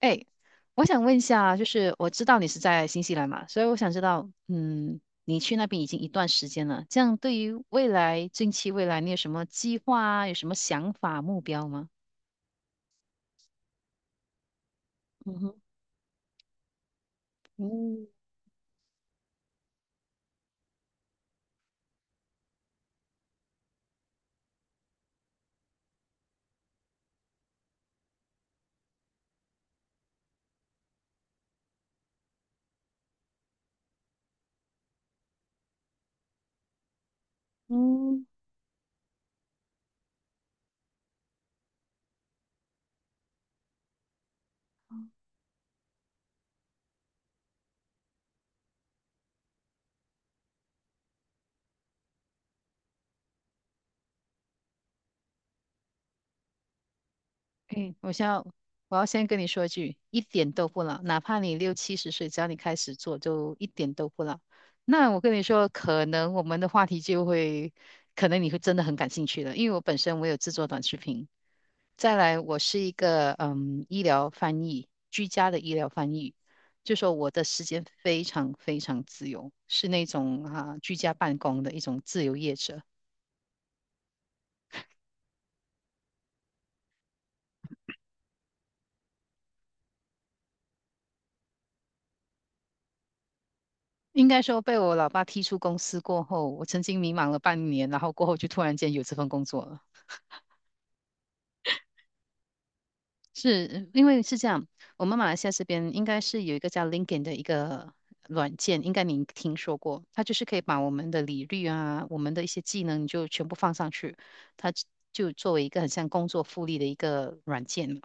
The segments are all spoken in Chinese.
哎，我想问一下，就是我知道你是在新西兰嘛，所以我想知道，你去那边已经一段时间了，这样对于未来，近期未来，你有什么计划啊？有什么想法、目标吗？嗯哼。嗯嗯。哎，我要先跟你说一句，一点都不老，哪怕你六七十岁，只要你开始做，就一点都不老。那我跟你说，可能我们的话题就会，可能你会真的很感兴趣了，因为我本身有制作短视频，再来我是一个医疗翻译，居家的医疗翻译，就说我的时间非常非常自由，是那种居家办公的一种自由业者。应该说被我老爸踢出公司过后，我曾经迷茫了半年，然后过后就突然间有这份工作了。是因为是这样，我们马来西亚这边应该是有一个叫 LinkedIn 的一个软件，应该您听说过，它就是可以把我们的履历啊，我们的一些技能就全部放上去，它就作为一个很像工作复利的一个软件。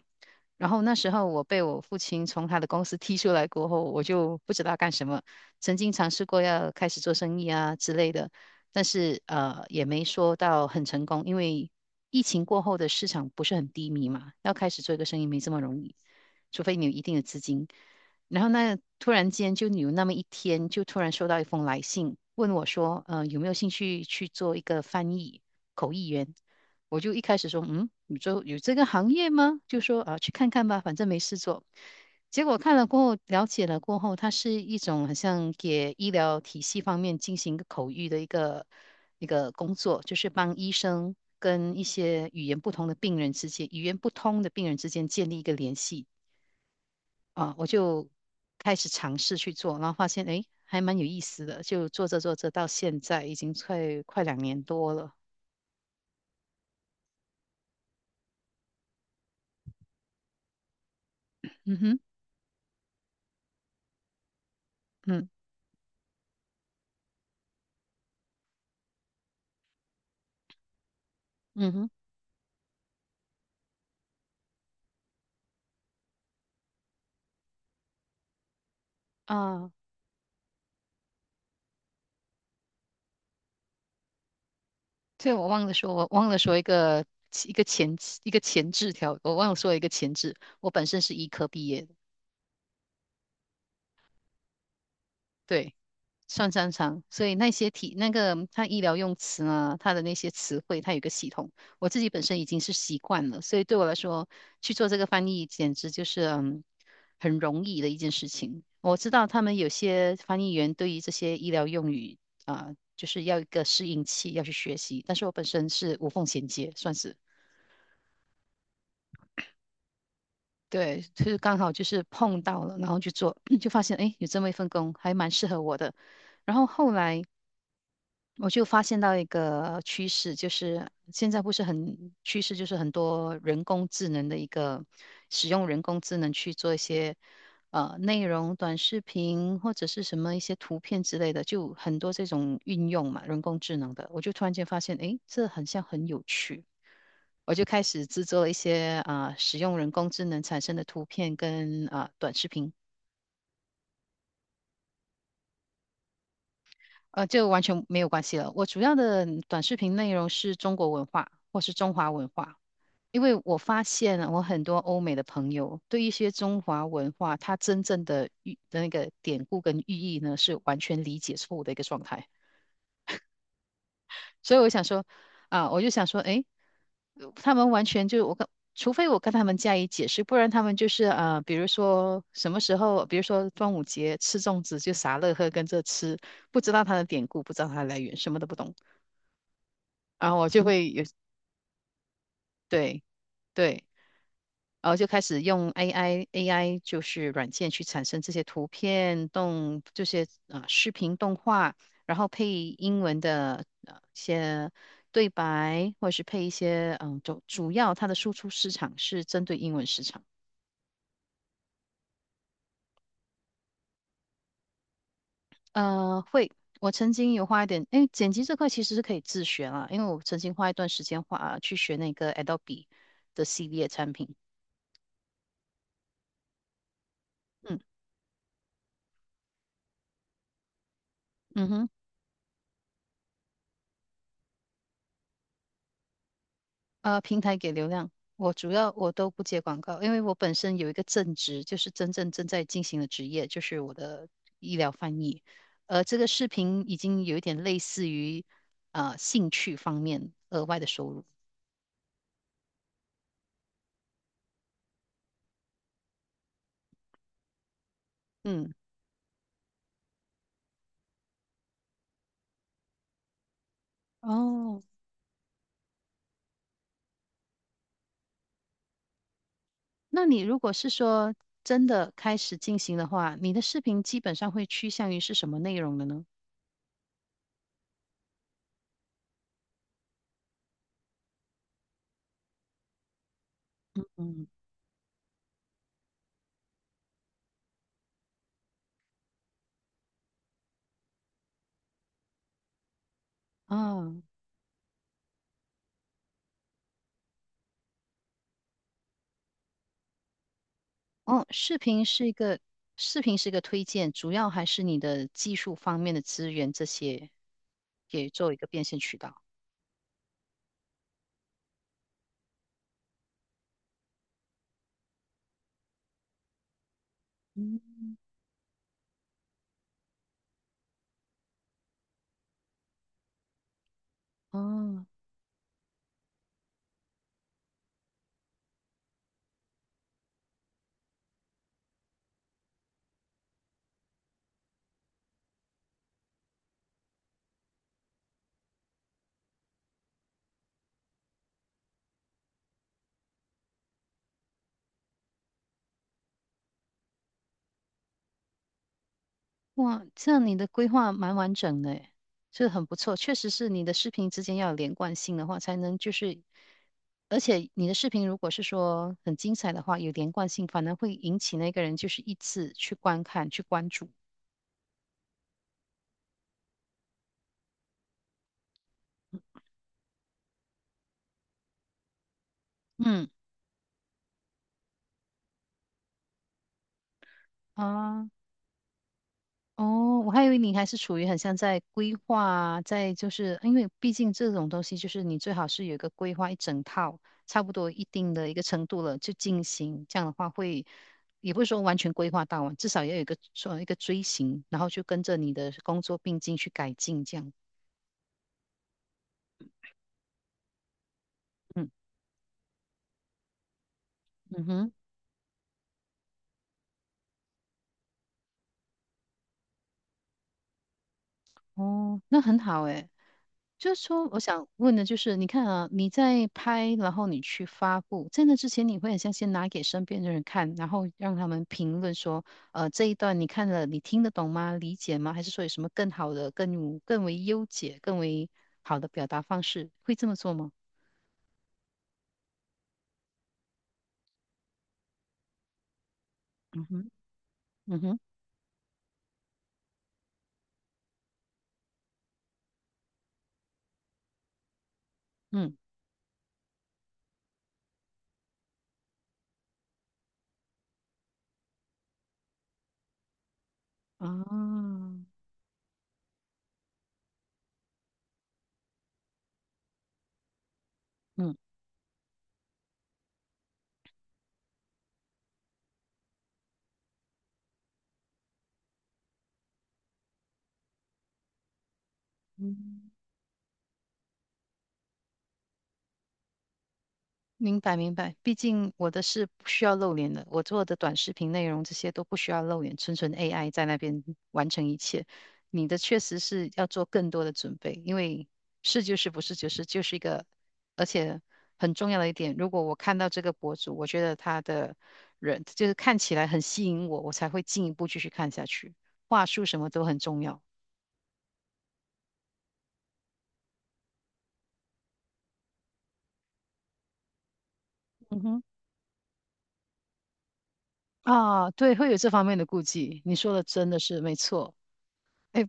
然后那时候我被我父亲从他的公司踢出来过后，我就不知道干什么，曾经尝试过要开始做生意啊之类的，但是也没说到很成功，因为疫情过后的市场不是很低迷嘛，要开始做一个生意没这么容易，除非你有一定的资金。然后那突然间就有那么一天，就突然收到一封来信，问我说，有没有兴趣去做一个翻译口译员？我就一开始说，你做有这个行业吗？就说啊，去看看吧，反正没事做。结果看了过后，了解了过后，它是一种好像给医疗体系方面进行一个口译的一个工作，就是帮医生跟一些语言不同的病人之间、语言不通的病人之间建立一个联系啊。我就开始尝试去做，然后发现诶，还蛮有意思的，就做着做着到现在已经快两年多了。嗯哼。嗯嗯哼。啊，对，我忘了说一个一个前一个前置条，我忘了说一个前置。我本身是医科毕业的，对，算擅长，所以那些题那个它医疗用词呢，它的那些词汇，它有一个系统，我自己本身已经是习惯了，所以对我来说去做这个翻译，简直就是很容易的一件事情。我知道他们有些翻译员对于这些医疗用语啊，就是要一个适应期，要去学习，但是我本身是无缝衔接，算是。对，就是刚好就是碰到了，然后去做，就发现哎，诶有这么一份工还蛮适合我的。然后后来我就发现到一个趋势，就是现在不是很趋势，就是很多人工智能的一个使用人工智能去做一些内容、短视频或者是什么一些图片之类的，就很多这种运用嘛，人工智能的，我就突然间发现，哎，这很像很有趣。我就开始制作一些使用人工智能产生的图片跟短视频，就完全没有关系了。我主要的短视频内容是中国文化或是中华文化，因为我发现我很多欧美的朋友对一些中华文化它真正的那个典故跟寓意呢，是完全理解错误的一个状态。所以我想说，我就想说，诶，他们完全就我跟，除非我跟他们加以解释，不然他们就是啊，比如说什么时候，比如说端午节吃粽子就傻乐呵跟着吃，不知道它的典故，不知道它的来源，什么都不懂，然后我就 会有，对对，然后就开始用 AI 就是软件去产生这些图片动这些啊视频动画，然后配英文的一些对白，或者是配一些主要它的输出市场是针对英文市场。会，我曾经有花一点，哎，剪辑这块其实是可以自学啦，因为我曾经花一段时间花去学那个 Adobe 的系列产品。嗯嗯哼。平台给流量，我主要都不接广告，因为我本身有一个正职，就是真正正在进行的职业，就是我的医疗翻译。这个视频已经有一点类似于兴趣方面额外的收入。嗯，哦，那你如果是说真的开始进行的话，你的视频基本上会趋向于是什么内容的呢？嗯，哦，哦，视频是一个推荐，主要还是你的技术方面的资源这些。也做一个变现渠道。嗯，哦，哇，这样你的规划蛮完整的诶，这很不错。确实是你的视频之间要有连贯性的话，才能就是，而且你的视频如果是说很精彩的话，有连贯性，反而会引起那个人就是一次去观看、去关注。嗯，啊。哦，我还以为你还是处于很像在规划啊在就是因为毕竟这种东西就是你最好是有一个规划一整套，差不多一定的一个程度了就进行，这样的话会也不是说完全规划到啊，至少要有一个说一个锥形，然后就跟着你的工作并进去改进这样。嗯嗯哼。哦，那很好诶。就是说，我想问的就是，你看啊，你在拍，然后你去发布，在那之前，你会很像先拿给身边的人看，然后让他们评论说，这一段你看了，你听得懂吗？理解吗？还是说有什么更好的、更为优解、更为好的表达方式？会这么做吗？嗯哼。嗯哼。嗯啊。嗯。嗯明白明白，毕竟我的是不需要露脸的，我做的短视频内容这些都不需要露脸，纯纯 AI 在那边完成一切。你的确实是要做更多的准备，因为是就是不是就是一个，而且很重要的一点，如果我看到这个博主，我觉得他的人就是看起来很吸引我，我才会进一步继续看下去。话术什么都很重要。嗯哼。啊，对，会有这方面的顾忌，你说的真的是没错。哎，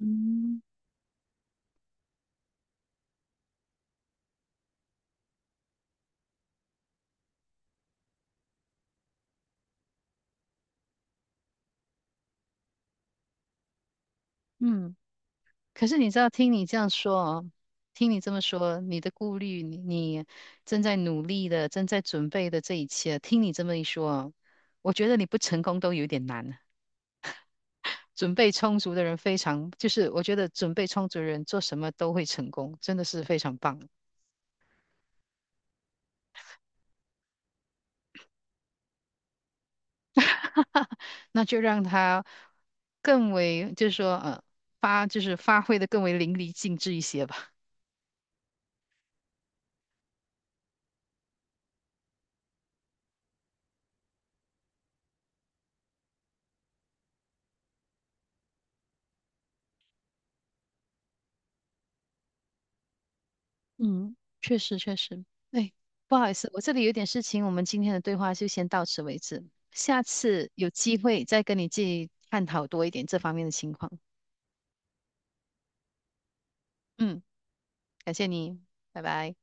嗯。嗯。可是你知道，听你这样说哦，听你这么说，你的顾虑，你正在努力的，正在准备的这一切，听你这么一说哦，我觉得你不成功都有点难。准备充足的人非常，就是我觉得准备充足的人做什么都会成功，真的是非常棒。那就让他更为，就是说，就是发挥的更为淋漓尽致一些吧。嗯，确实确实。哎，不好意思，我这里有点事情，我们今天的对话就先到此为止，下次有机会再跟你继续探讨多一点这方面的情况。嗯，感谢你，拜拜。